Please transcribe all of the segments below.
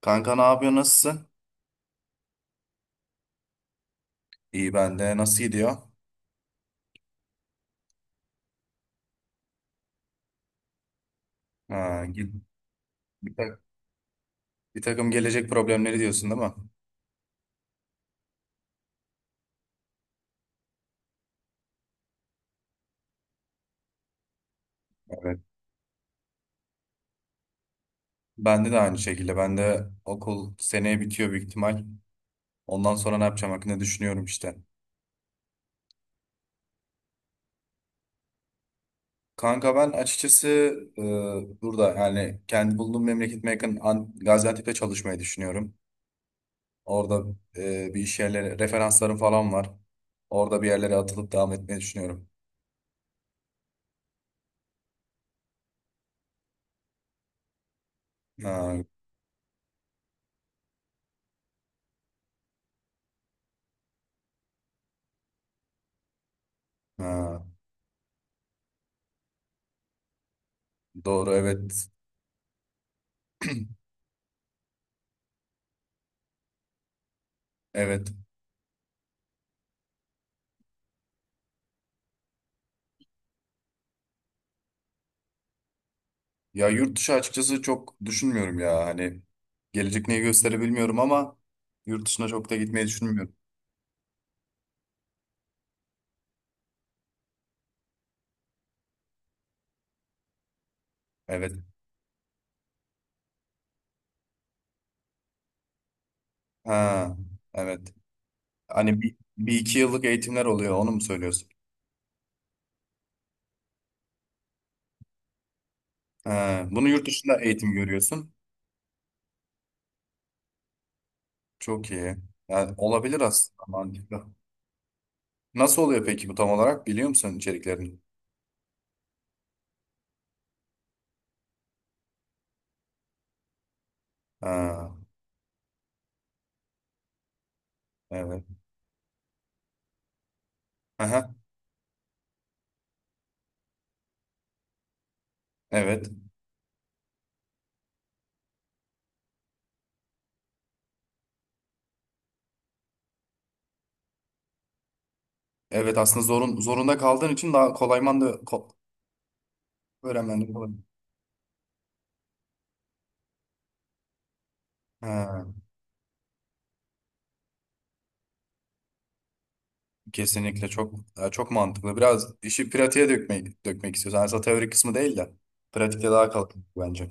Kanka ne yapıyor? Nasılsın? İyi ben de. Nasıl gidiyor? Ha, git, bir, tak- bir takım gelecek problemleri diyorsun değil mi? Evet. Bende de aynı şekilde. Ben de okul seneye bitiyor büyük ihtimal. Ondan sonra ne yapacağım hakkında düşünüyorum işte. Kanka ben açıkçası burada yani kendi bulunduğum memleketime yakın Gaziantep'te çalışmayı düşünüyorum. Orada bir iş yerleri, referanslarım falan var. Orada bir yerlere atılıp devam etmeyi düşünüyorum. Ha, ha, doğru evet. Evet. Ya yurt dışı açıkçası çok düşünmüyorum ya. Hani gelecek neyi gösterir bilmiyorum ama yurt dışına çok da gitmeyi düşünmüyorum. Evet. Ha, evet. Hani bir iki yıllık eğitimler oluyor onu mu söylüyorsun? Ha, bunu yurt dışında eğitim görüyorsun. Çok iyi. Yani olabilir aslında mantıklı. Nasıl oluyor peki bu tam olarak? Biliyor musun içeriklerini? Ha, evet. Aha, evet. Evet aslında zorunda kaldığın için daha kolay da öğrenmen de kolay. Ha. Kesinlikle çok ya çok mantıklı. Biraz işi pratiğe dökmek istiyoruz. Yani aslında teori kısmı değil de pratikte daha kalkın bence.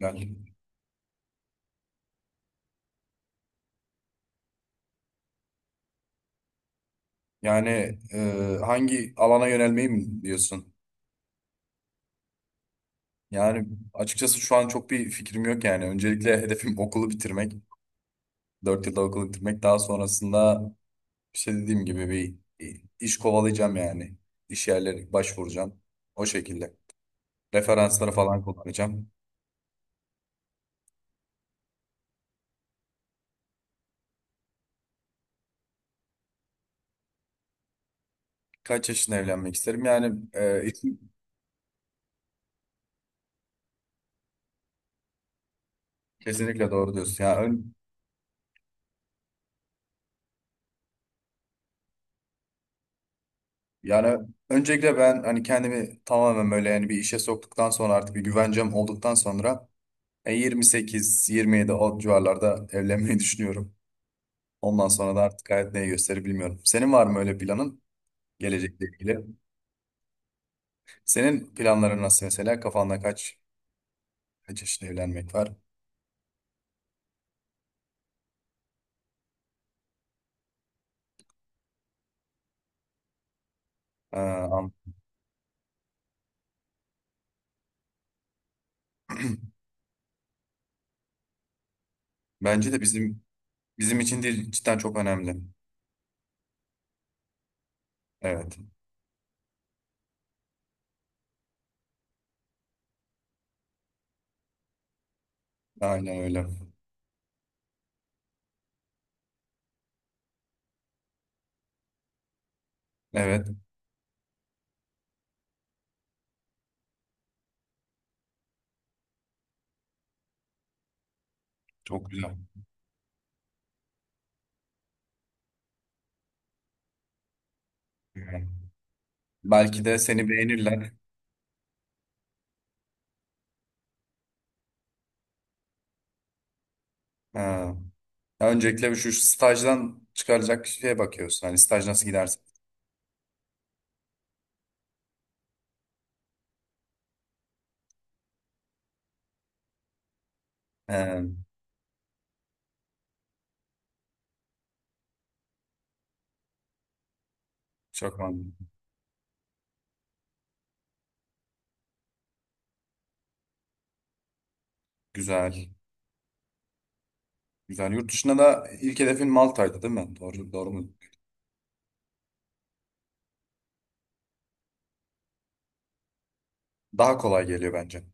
Yani, yani, hangi alana yönelmeyi mi diyorsun? Yani açıkçası şu an çok bir fikrim yok yani. Öncelikle hedefim okulu bitirmek. 4 yılda okulu bitirmek. Daha sonrasında işte dediğim gibi bir iş kovalayacağım yani. İş yerleri başvuracağım. O şekilde. Referansları falan kullanacağım. Kaç yaşında evlenmek isterim? Yani için kesinlikle doğru diyorsun. Yani, öncelikle ben hani kendimi tamamen böyle yani bir işe soktuktan sonra artık bir güvencem olduktan sonra 28-27 o civarlarda evlenmeyi düşünüyorum. Ondan sonra da artık hayat neyi gösterir bilmiyorum. Senin var mı öyle planın gelecekle ilgili? Senin planların nasıl mesela? Kafanda kaç yaşında evlenmek var? Ee, Bence de bizim için değil cidden çok önemli. Evet. Aynen öyle. Evet. Çok güzel. Belki de seni beğenirler. Ha. Öncelikle şu stajdan çıkaracak şeye bakıyorsun. Hani staj nasıl gidersin? He. Çok mantıklı. Güzel. Güzel. Yurt dışında da ilk hedefin Malta'ydı değil mi? Doğru, doğru mu? Daha kolay geliyor bence.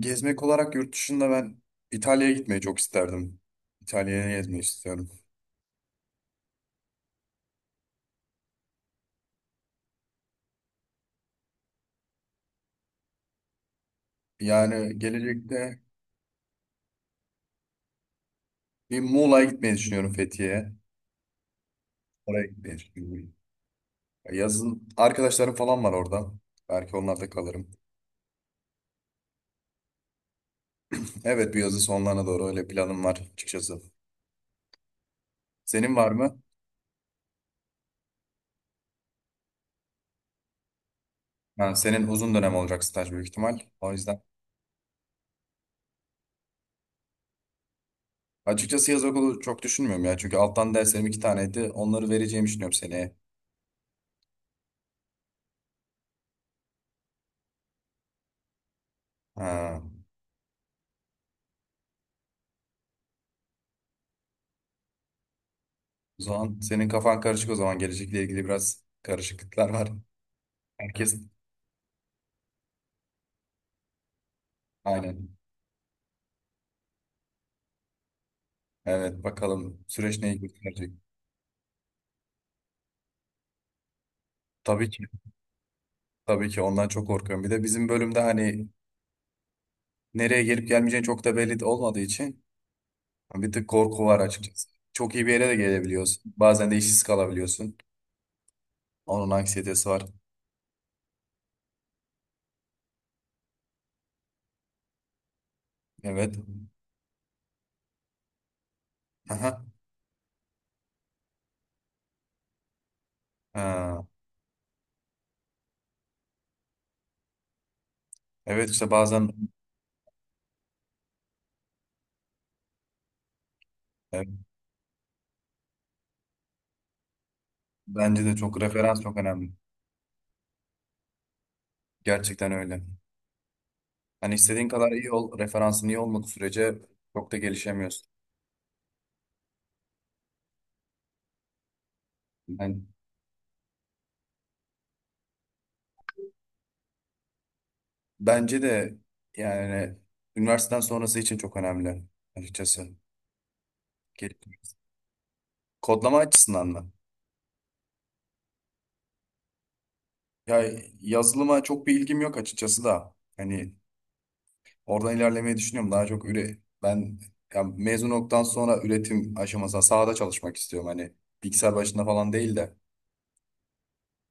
Gezmek olarak yurt dışında ben İtalya'ya gitmeyi çok isterdim. İtalya'ya gezmeyi istiyorum. Yani gelecekte bir Muğla'ya gitmeyi düşünüyorum, Fethiye'ye. Oraya gitmeyi düşünüyorum. Yazın arkadaşlarım falan var orada. Belki onlarda kalırım. Evet, bu yazın sonlarına doğru öyle planım var açıkçası. Senin var mı? Ha, senin uzun dönem olacak staj büyük ihtimal. O yüzden açıkçası yaz okulu çok düşünmüyorum ya. Çünkü alttan derslerim iki taneydi. Onları vereceğimi düşünüyorum seneye. Ha. O zaman senin kafan karışık o zaman. Gelecekle ilgili biraz karışıklıklar var. Herkes aynen. Evet, bakalım süreç neyi gösterecek. Tabii ki. Tabii ki ondan çok korkuyorum. Bir de bizim bölümde hani nereye gelip gelmeyeceğin çok da belli de olmadığı için hani, bir tık korku var açıkçası. Çok iyi bir yere de gelebiliyorsun. Bazen de işsiz kalabiliyorsun. Onun anksiyetesi var. Evet. Aha. Ha. Evet, işte bazen e, bence de çok referans çok önemli. Gerçekten öyle. Hani istediğin kadar iyi ol, referansın iyi olmadığı sürece çok da gelişemiyorsun. Yani bence de yani üniversiteden sonrası için çok önemli açıkçası. Kodlama açısından mı? Ya, yazılıma çok bir ilgim yok açıkçası da. Hani oradan ilerlemeyi düşünüyorum. Daha çok ben ya mezun olduktan sonra üretim aşamasında sahada çalışmak istiyorum. Hani bilgisayar başında falan değil de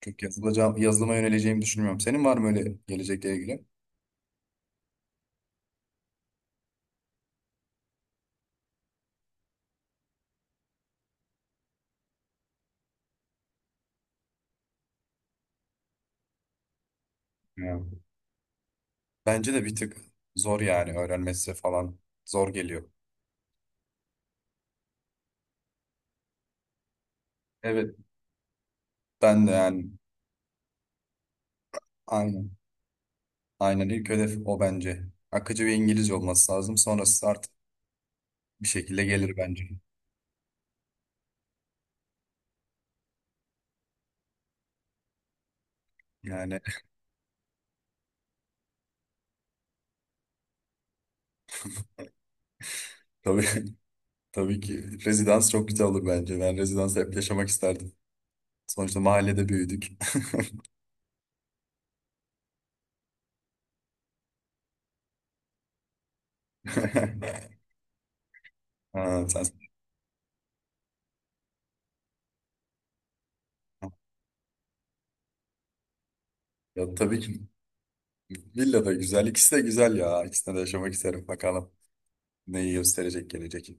çok yazılıma yöneleceğimi düşünmüyorum. Senin var mı öyle gelecekle ilgili? Ya, bence de bir tık zor yani öğrenmesi falan zor geliyor. Evet. Ben de yani aynen. Aynen, ilk hedef o bence. Akıcı bir İngilizce olması lazım. Sonrası artık bir şekilde gelir bence. Yani. Tabii, tabii ki. Rezidans çok güzel olur bence. Ben rezidansı hep yaşamak isterdim. Sonuçta mahallede büyüdük. Ha, sen, ya, tabii ki villa da güzel. İkisi de güzel ya. İkisinde de yaşamak isterim. Bakalım neyi gösterecek gelecek.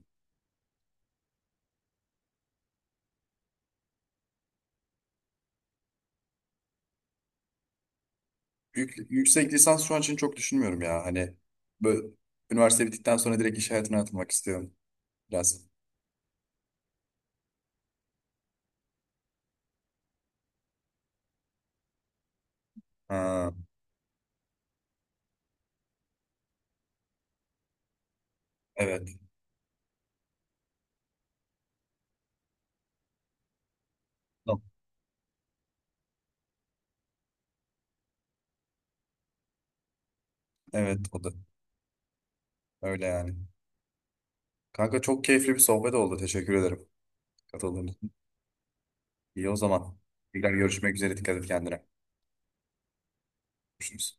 Yüksek lisans şu an için çok düşünmüyorum ya. Hani böyle, üniversite bittikten sonra direkt iş hayatına atılmak istiyorum biraz. Ha, evet. Tamam. Evet, o da. Öyle yani. Kanka çok keyifli bir sohbet oldu. Teşekkür ederim katıldığın. İyi o zaman. Tekrar görüşmek üzere. Dikkat et kendine. Görüşürüz.